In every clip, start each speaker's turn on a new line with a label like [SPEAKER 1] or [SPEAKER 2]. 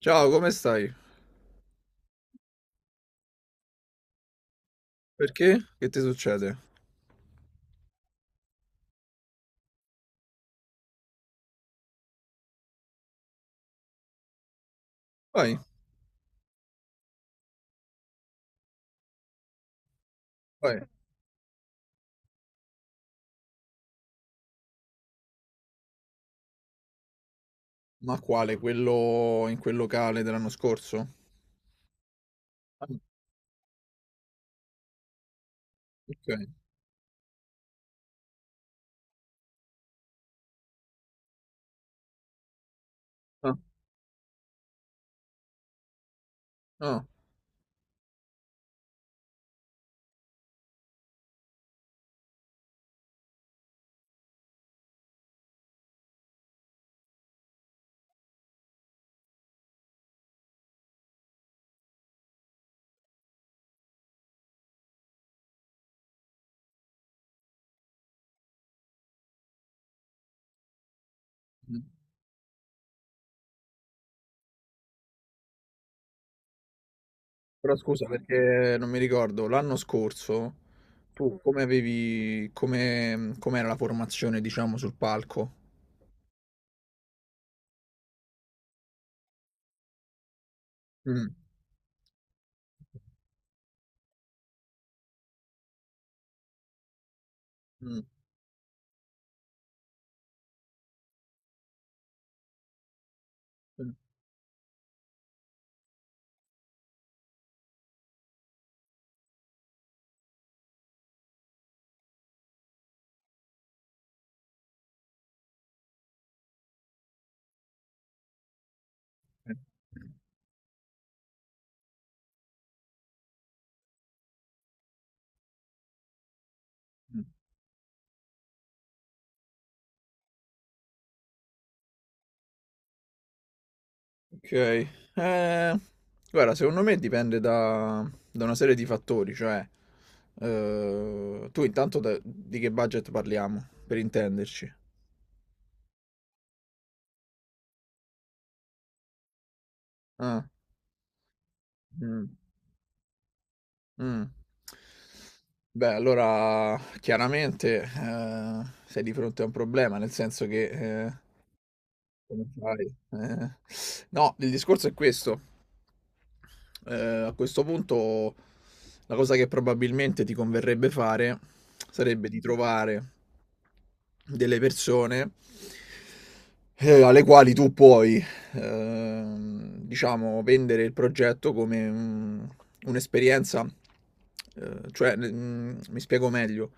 [SPEAKER 1] Ciao, come stai? Perché? Che ti succede? Vai, vai. Ma quale? Quello in quel locale dell'anno scorso? Ah, ok. Ah, ah. Mm. Però scusa, perché non mi ricordo, l'anno scorso tu com'era la formazione, diciamo, sul palco? Mm, mm, mm, mm. Mm. Ok, guarda, secondo me dipende da una serie di fattori, cioè tu intanto di che budget parliamo, per intenderci. Ah, mm, mm. Beh, allora chiaramente sei di fronte a un problema, nel senso che eh, come fai? No, il discorso è questo. A questo punto, la cosa che probabilmente ti converrebbe fare sarebbe di trovare delle persone alle quali tu puoi, diciamo, vendere il progetto come un'esperienza, cioè, mi spiego meglio.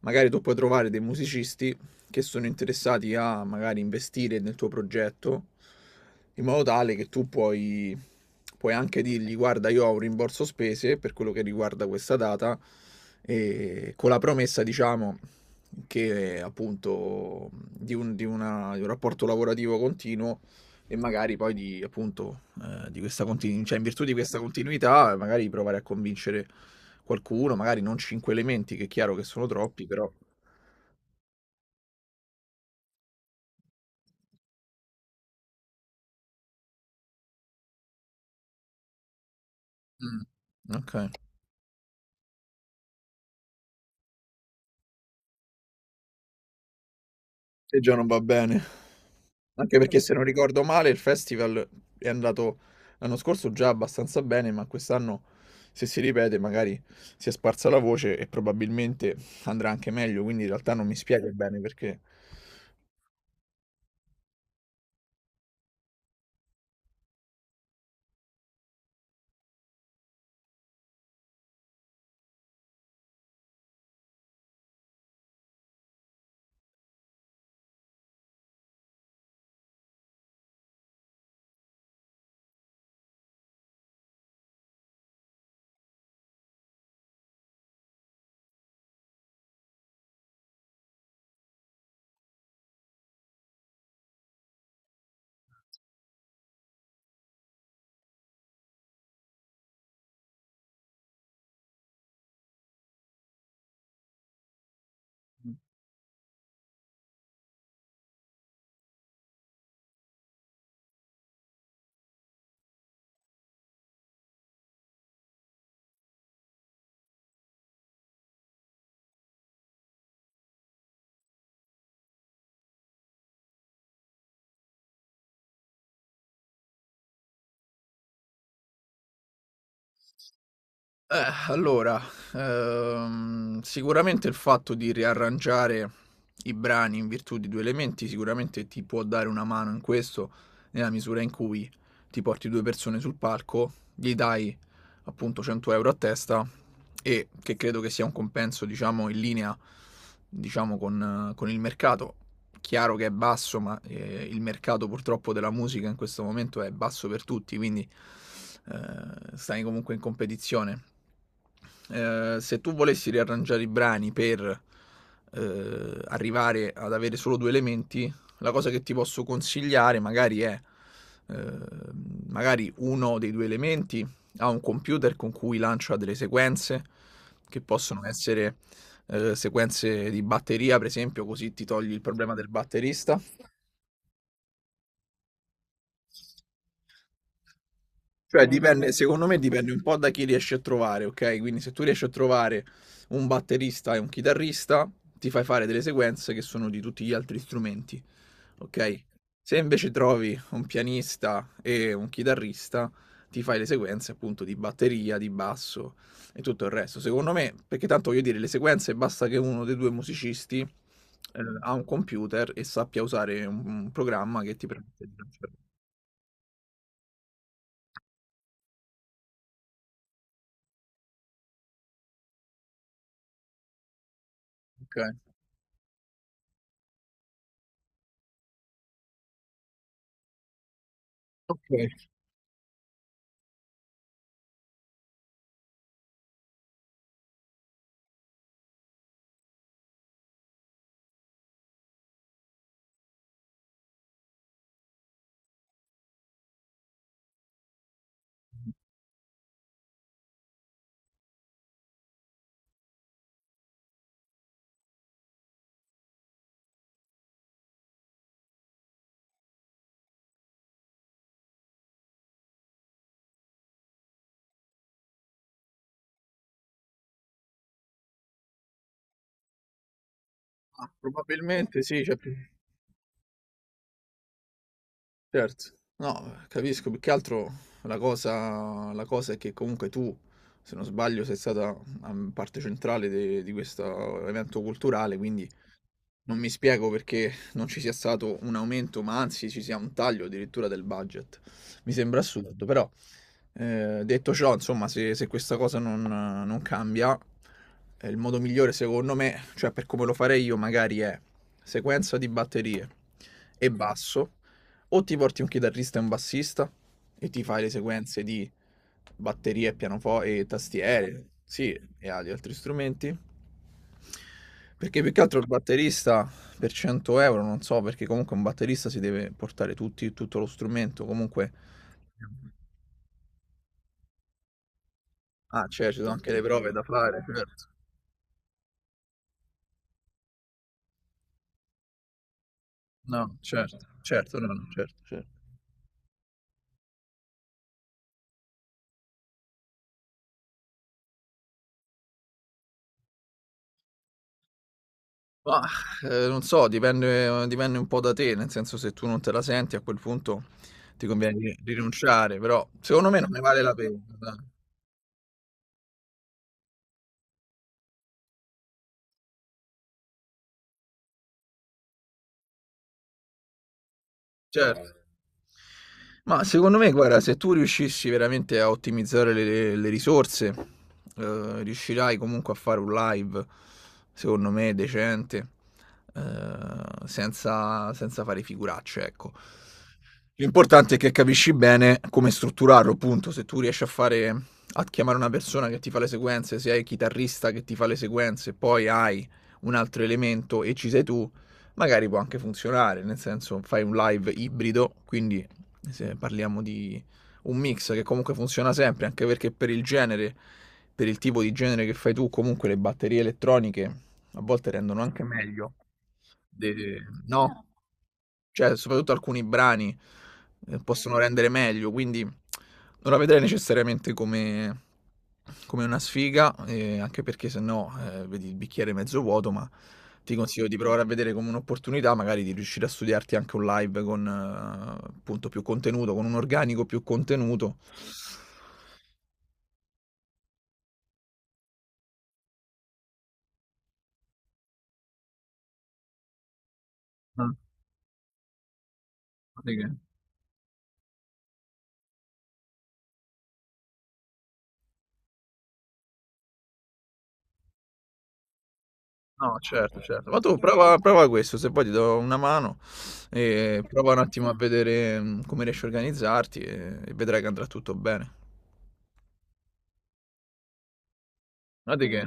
[SPEAKER 1] Magari tu puoi trovare dei musicisti che sono interessati a, magari, investire nel tuo progetto, in modo tale che tu puoi anche dirgli: guarda, io ho un rimborso spese per quello che riguarda questa data, e con la promessa, diciamo, che, appunto, di un rapporto lavorativo continuo, e magari poi di, appunto, di questa continu cioè, in virtù di questa continuità, magari provare a convincere qualcuno, magari non 5 elementi, che è chiaro che sono troppi, però. Mh, okay. E già non va bene. Anche perché, se non ricordo male, il festival è andato l'anno scorso già abbastanza bene, ma quest'anno, se si ripete, magari si è sparsa la voce e probabilmente andrà anche meglio, quindi in realtà non mi spiego bene perché. Allora, sicuramente il fatto di riarrangiare i brani in virtù di 2 elementi sicuramente ti può dare una mano in questo, nella misura in cui ti porti 2 persone sul palco, gli dai appunto 100 € a testa, e che credo che sia un compenso, diciamo, in linea, diciamo, con con il mercato. Chiaro che è basso, ma il mercato, purtroppo, della musica in questo momento è basso per tutti, quindi stai comunque in competizione. Eh, se tu volessi riarrangiare i brani per arrivare ad avere solo due elementi, la cosa che ti posso consigliare, magari, è eh, magari uno dei due elementi ha un computer con cui lancia delle sequenze, che possono essere sequenze di batteria, per esempio, così ti togli il problema del batterista. Cioè, non so, dipende, se... secondo me dipende un po' da chi riesci a trovare, ok? Quindi se tu riesci a trovare un batterista e un chitarrista, ti fai fare delle sequenze che sono di tutti gli altri strumenti, ok? Se invece trovi un pianista e un chitarrista, ti fai le sequenze, appunto, di batteria, di basso e tutto il resto. Secondo me, perché tanto voglio dire, le sequenze, basta che uno dei due musicisti ha un computer e sappia usare un programma che ti permette di trasferire, ok? Ok. Ah, probabilmente sì, cioè, certo. No, capisco, più che altro la cosa è che, comunque, tu, se non sbaglio, sei stata parte centrale di questo evento culturale, quindi non mi spiego perché non ci sia stato un aumento, ma anzi ci sia un taglio, addirittura, del budget. Mi sembra assurdo, però detto ciò, insomma, se questa cosa non cambia, il modo migliore, secondo me, cioè per come lo farei io, magari è: sequenza di batterie e basso, o ti porti un chitarrista e un bassista e ti fai le sequenze di batterie, pianoforte e tastiere, sì, e agli altri strumenti. Perché, più che altro, il batterista per 100 euro, non so, perché comunque un batterista si deve portare tutto lo strumento, comunque. Ah, certo, ci sono anche le prove da fare, certo. No, certo, certo, no, no, certo, certo. Mah, non so, dipende un po' da te, nel senso, se tu non te la senti, a quel punto ti conviene ri rinunciare, però secondo me non ne vale la pena, dai. Certo. Ma, secondo me, guarda, se tu riuscissi veramente a ottimizzare le risorse, riuscirai comunque a fare un live, secondo me, decente, senza fare figuracce, ecco. L'importante è che capisci bene come strutturarlo. Appunto, se tu riesci a chiamare una persona che ti fa le sequenze, se hai il chitarrista che ti fa le sequenze, poi hai un altro elemento e ci sei tu, magari può anche funzionare, nel senso, fai un live ibrido, quindi se parliamo di un mix che comunque funziona sempre, anche perché per il genere, per il tipo di genere che fai tu, comunque le batterie elettroniche a volte rendono anche meglio. de- no? Cioè, soprattutto alcuni brani, possono rendere meglio, quindi non la vedrei necessariamente come una sfiga, anche perché, se no, vedi il bicchiere mezzo vuoto, ma ti consiglio di provare a vedere come un'opportunità, magari, di riuscire a studiarti anche un live con, appunto, più contenuto, con un organico più contenuto. Ah, sì. No, certo, certo. Ma tu prova prova questo, se poi ti do una mano, prova un attimo a vedere, come riesci a organizzarti, e vedrai che andrà tutto bene. Ma di che?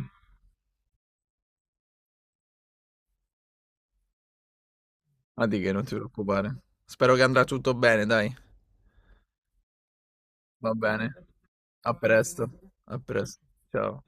[SPEAKER 1] Ma di che, non ti preoccupare. Spero che andrà tutto bene, dai. Va bene. A presto. A pres ciao.